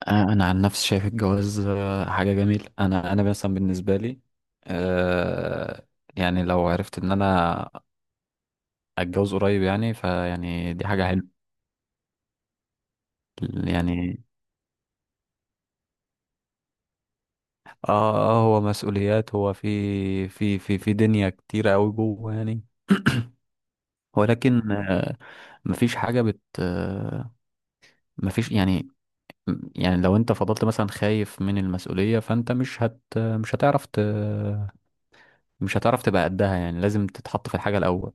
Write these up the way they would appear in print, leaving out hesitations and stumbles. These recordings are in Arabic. انا عن نفسي شايف الجواز، حاجه جميله. انا مثلا بالنسبه لي آه، يعني لو عرفت ان انا اتجوز قريب يعني فيعني دي حاجه حلوه يعني. اه هو مسؤوليات، هو في دنيا كتيره قوي جوه يعني. ولكن مفيش حاجه بت آه، مفيش يعني. يعني لو انت فضلت مثلا خايف من المسؤوليه، فانت مش هتعرف مش هتعرف تبقى قدها. يعني لازم تتحط في الحاجه الاول.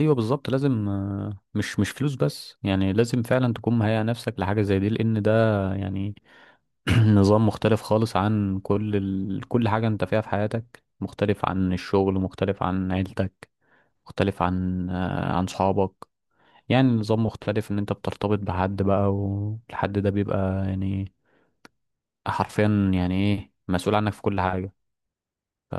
ايوه، بالظبط. لازم مش فلوس بس يعني، لازم فعلا تكون مهيئ نفسك لحاجه زي دي، لان ده يعني نظام مختلف خالص عن كل حاجه انت فيها في حياتك. مختلف عن الشغل، مختلف عن عيلتك، مختلف عن عن صحابك. يعني نظام مختلف، ان انت بترتبط بحد بقى، والحد ده بيبقى يعني حرفيا يعني ايه مسؤول عنك في كل حاجه. ف...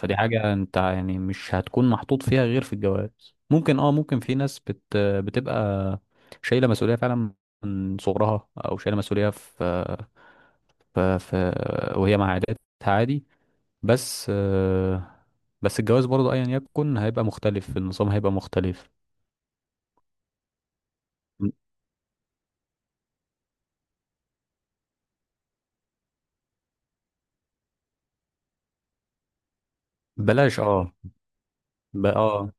فدي حاجة انت يعني مش هتكون محطوط فيها غير في الجواز. ممكن في ناس بتبقى شايلة مسؤولية فعلا من صغرها، او شايلة مسؤولية في... في... وهي مع عاداتها عادي. بس بس الجواز برضه ايا يكن هيبقى مختلف، النظام هيبقى مختلف. بلاش اه ب... اه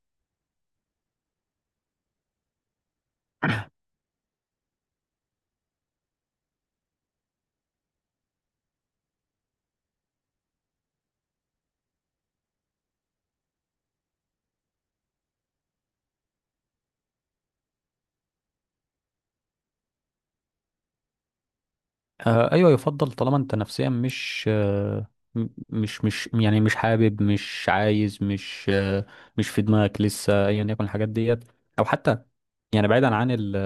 ايوه، يفضل طالما انت نفسيا مش يعني مش حابب، مش عايز، مش في دماغك لسه ايا يكن الحاجات ديت. او حتى يعني بعيدا عن ال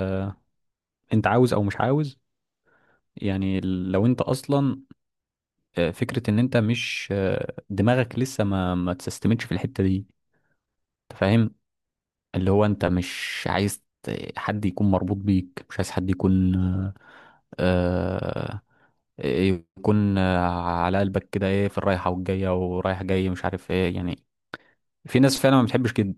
انت عاوز او مش عاوز. يعني لو انت اصلا فكره ان انت مش دماغك لسه ما تستمتش في الحته دي، انت فاهم؟ اللي هو انت مش عايز حد يكون مربوط بيك، مش عايز حد يكون آه، يكون، على قلبك كده. ايه، في الرايحه والجايه ورايح جاي مش عارف ايه يعني. في ناس فعلا ما بتحبش كده.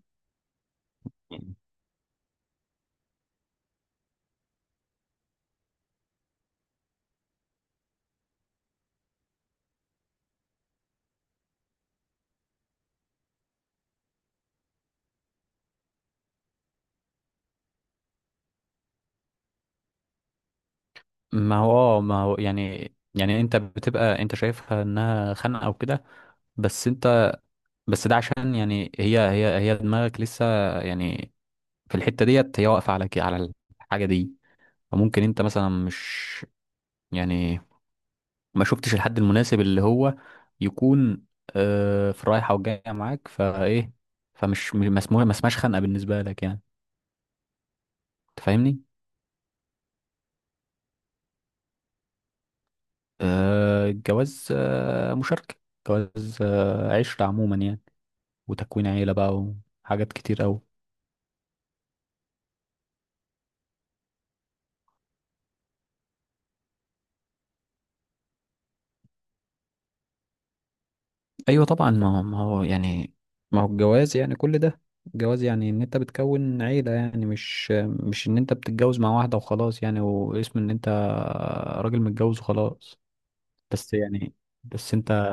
ما هو اه، ما هو يعني، يعني انت بتبقى انت شايفها انها خانقه او كده، بس انت، بس ده عشان يعني هي دماغك لسه يعني في الحته ديت، هي واقفه على كده، على الحاجه دي. فممكن انت مثلا مش يعني ما شفتش الحد المناسب اللي هو يكون في الرايحة والجاية معاك فايه. فمش ما اسمهاش خنقة بالنسبة لك يعني. انت فاهمني؟ الجواز، مشاركة، جواز، عشرة عموما يعني، وتكوين عيلة بقى، وحاجات كتير أوي. أيوة، طبعا. ما هو، ما هو يعني، ما هو الجواز يعني كل ده. الجواز يعني ان انت بتكون عيلة يعني، مش، مش ان انت بتتجوز مع واحدة وخلاص يعني، واسم ان انت راجل متجوز وخلاص. بس يعني، بس انت.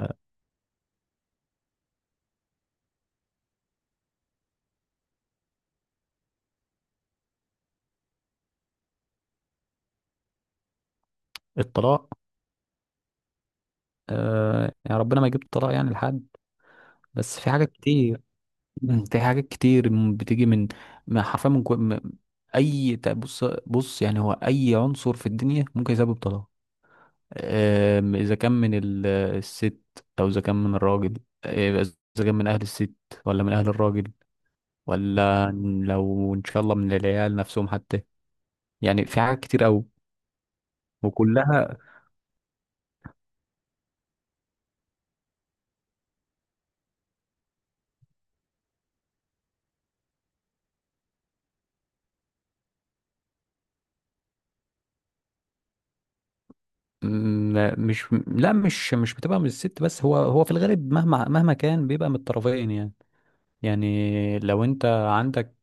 الطلاق، آه يعني ربنا ما يجيب الطلاق يعني لحد. بس في حاجات كتير. مم. في حاجات كتير بتيجي من حرفيا من كو... م- اي ت- بص بص. يعني هو اي عنصر في الدنيا ممكن يسبب طلاق. آه، اذا كان من الست، او اذا كان من الراجل، اذا كان من اهل الست، ولا من اهل الراجل، ولا لو ان شاء الله من العيال نفسهم حتى. يعني في حاجات كتير قوي. وكلها مش، لا مش بتبقى من الست بس. هو، هو في الغالب مهما كان بيبقى من الطرفين يعني. يعني لو انت عندك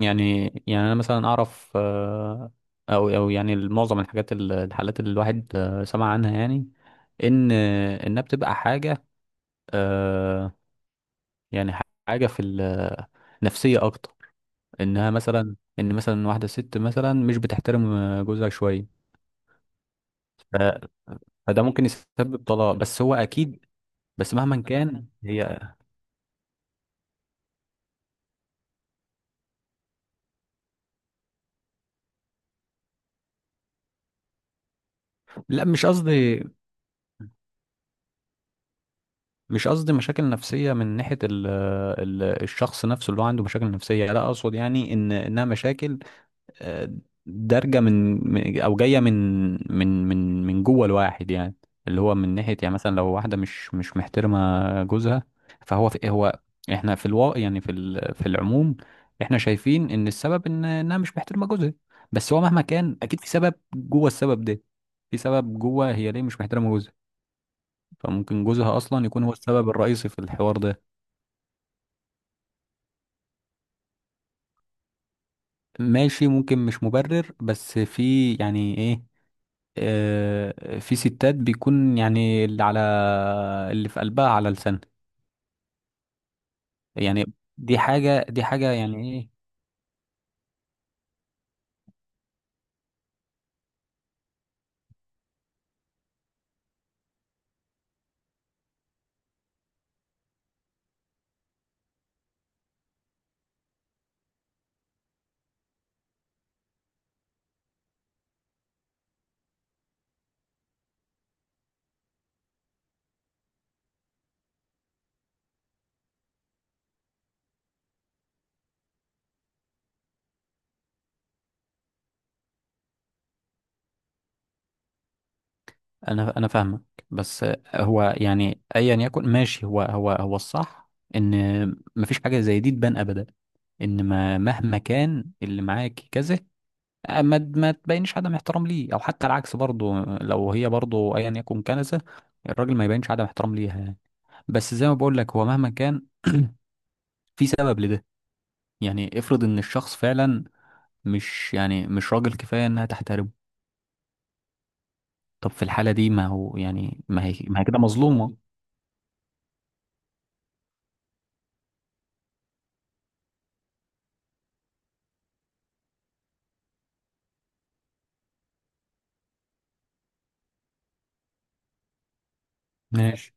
يعني، يعني انا مثلا اعرف او او يعني معظم الحاجات الحالات اللي الواحد سمع عنها يعني، ان انها بتبقى حاجة آه، يعني حاجة في النفسية اكتر. انها مثلا ان مثلا واحدة ست مثلا مش بتحترم جوزها شوية. ف- فده ممكن يسبب طلاق. بس هو اكيد، بس مهما كان هي. لا، مش قصدي، مش قصدي مشاكل نفسية من ناحية الشخص نفسه اللي هو عنده مشاكل نفسية. لا، أقصد يعني إن إنها مشاكل آه، دارجة من أو جاية من من جوه الواحد يعني. اللي هو من ناحية يعني مثلا لو واحدة مش محترمة جوزها. فهو، في هو، إحنا في الواقع يعني في العموم إحنا شايفين إن السبب إن إنها مش محترمة جوزها. بس هو مهما كان أكيد في سبب جوه السبب ده. في سبب جوه هي ليه مش محترمة جوزها. فممكن جوزها اصلا يكون هو السبب الرئيسي في الحوار ده. ماشي، ممكن مش مبرر بس في يعني ايه. في ستات بيكون يعني، اللي على، اللي في قلبها على لسانها يعني. دي حاجة، دي حاجة يعني ايه. انا فاهمك. بس هو يعني ايا يكن ماشي، هو، هو الصح ان مفيش حاجة زي دي تبان ابدا. ان ما مهما كان اللي معاك كذا، ما تبينش عدم احترام ليه. او حتى العكس برضه، لو هي برضه ايا يكن كنسة، الراجل ما يبينش عدم احترام ليها يعني. بس زي ما بقول لك، هو مهما كان في سبب لده. يعني افرض ان الشخص فعلا مش، يعني مش راجل كفاية انها تحترمه. طب في الحالة دي، ما هو يعني، ما هي، ما هي كده مظلومة. ماشي.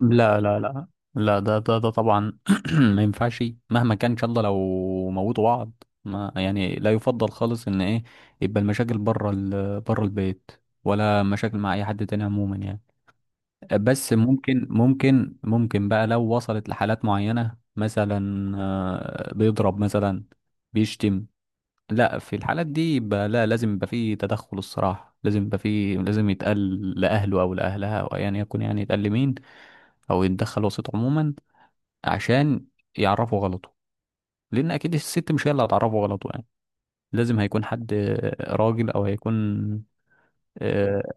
لا لا لا، لا ده طبعا ما ينفعش. مهما كان ان شاء الله لو موتوا بعض ما يعني، لا يفضل خالص ان ايه يبقى المشاكل بره، بره البيت، ولا مشاكل مع اي حد تاني عموما يعني. بس ممكن بقى لو وصلت لحالات معينة مثلا، بيضرب مثلا، بيشتم. لا، في الحالات دي يبقى لا، لازم يبقى فيه تدخل الصراحة. لازم يبقى فيه، لازم يتقال لأهله أو لأهلها أو أيا يكن يعني يتقال لمين. أو يتدخل وسيط عموما، عشان يعرفوا غلطه. لان اكيد الست مش هي اللي هتعرفه غلطه يعني. لازم هيكون حد راجل، او هيكون آه،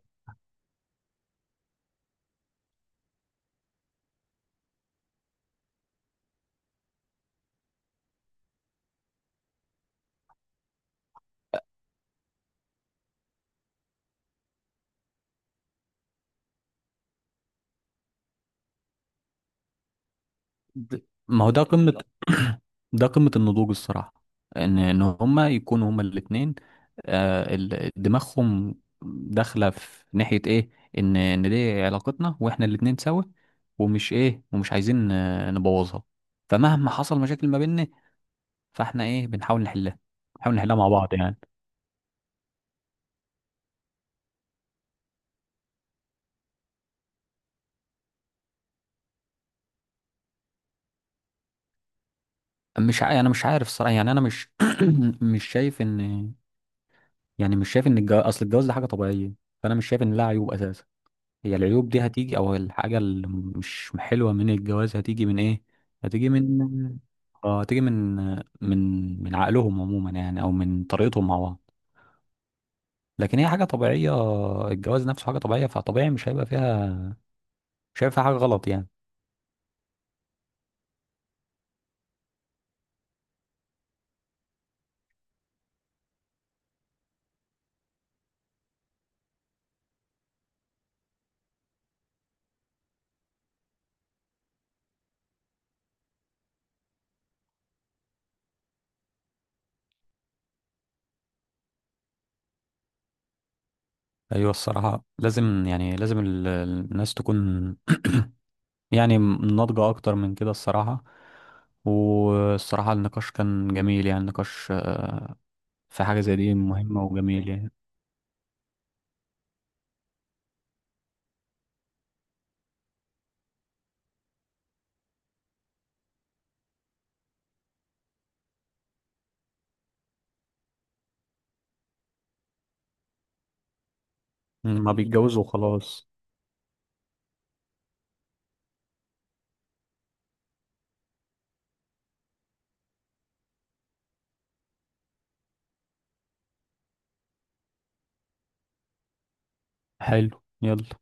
د- ما هو ده قمة، ده قمة النضوج الصراحة. ان ان هما يكونوا هما الاتنين، دماغهم داخلة في ناحية ايه. ان ان دي علاقتنا واحنا الاتنين سوا، ومش ايه، ومش عايزين نبوظها. فمهما حصل مشاكل ما بيننا، فاحنا ايه بنحاول نحلها. بنحاول نحلها مع بعض يعني. مش ع... انا مش عارف الصراحه يعني. انا مش مش شايف ان يعني، مش شايف ان اصل الجواز ده حاجه طبيعيه، فانا مش شايف ان لها عيوب اساسا. هي العيوب دي هتيجي، او الحاجه اللي مش حلوه من الجواز، هتيجي من ايه؟ هتيجي من اه هتيجي من، من، من عقلهم عموما يعني، او من طريقتهم مع بعض. لكن هي حاجه طبيعيه، الجواز نفسه حاجه طبيعيه، فطبيعي مش هيبقى فيها، مش هيبقى فيها حاجه غلط يعني. ايوه الصراحه، لازم يعني لازم الناس تكون يعني ناضجة أكتر من كده الصراحة. والصراحة النقاش كان جميل يعني، النقاش في حاجة زي دي مهمة وجميل يعني. ما بيتجوزوا وخلاص. حلو، يلا.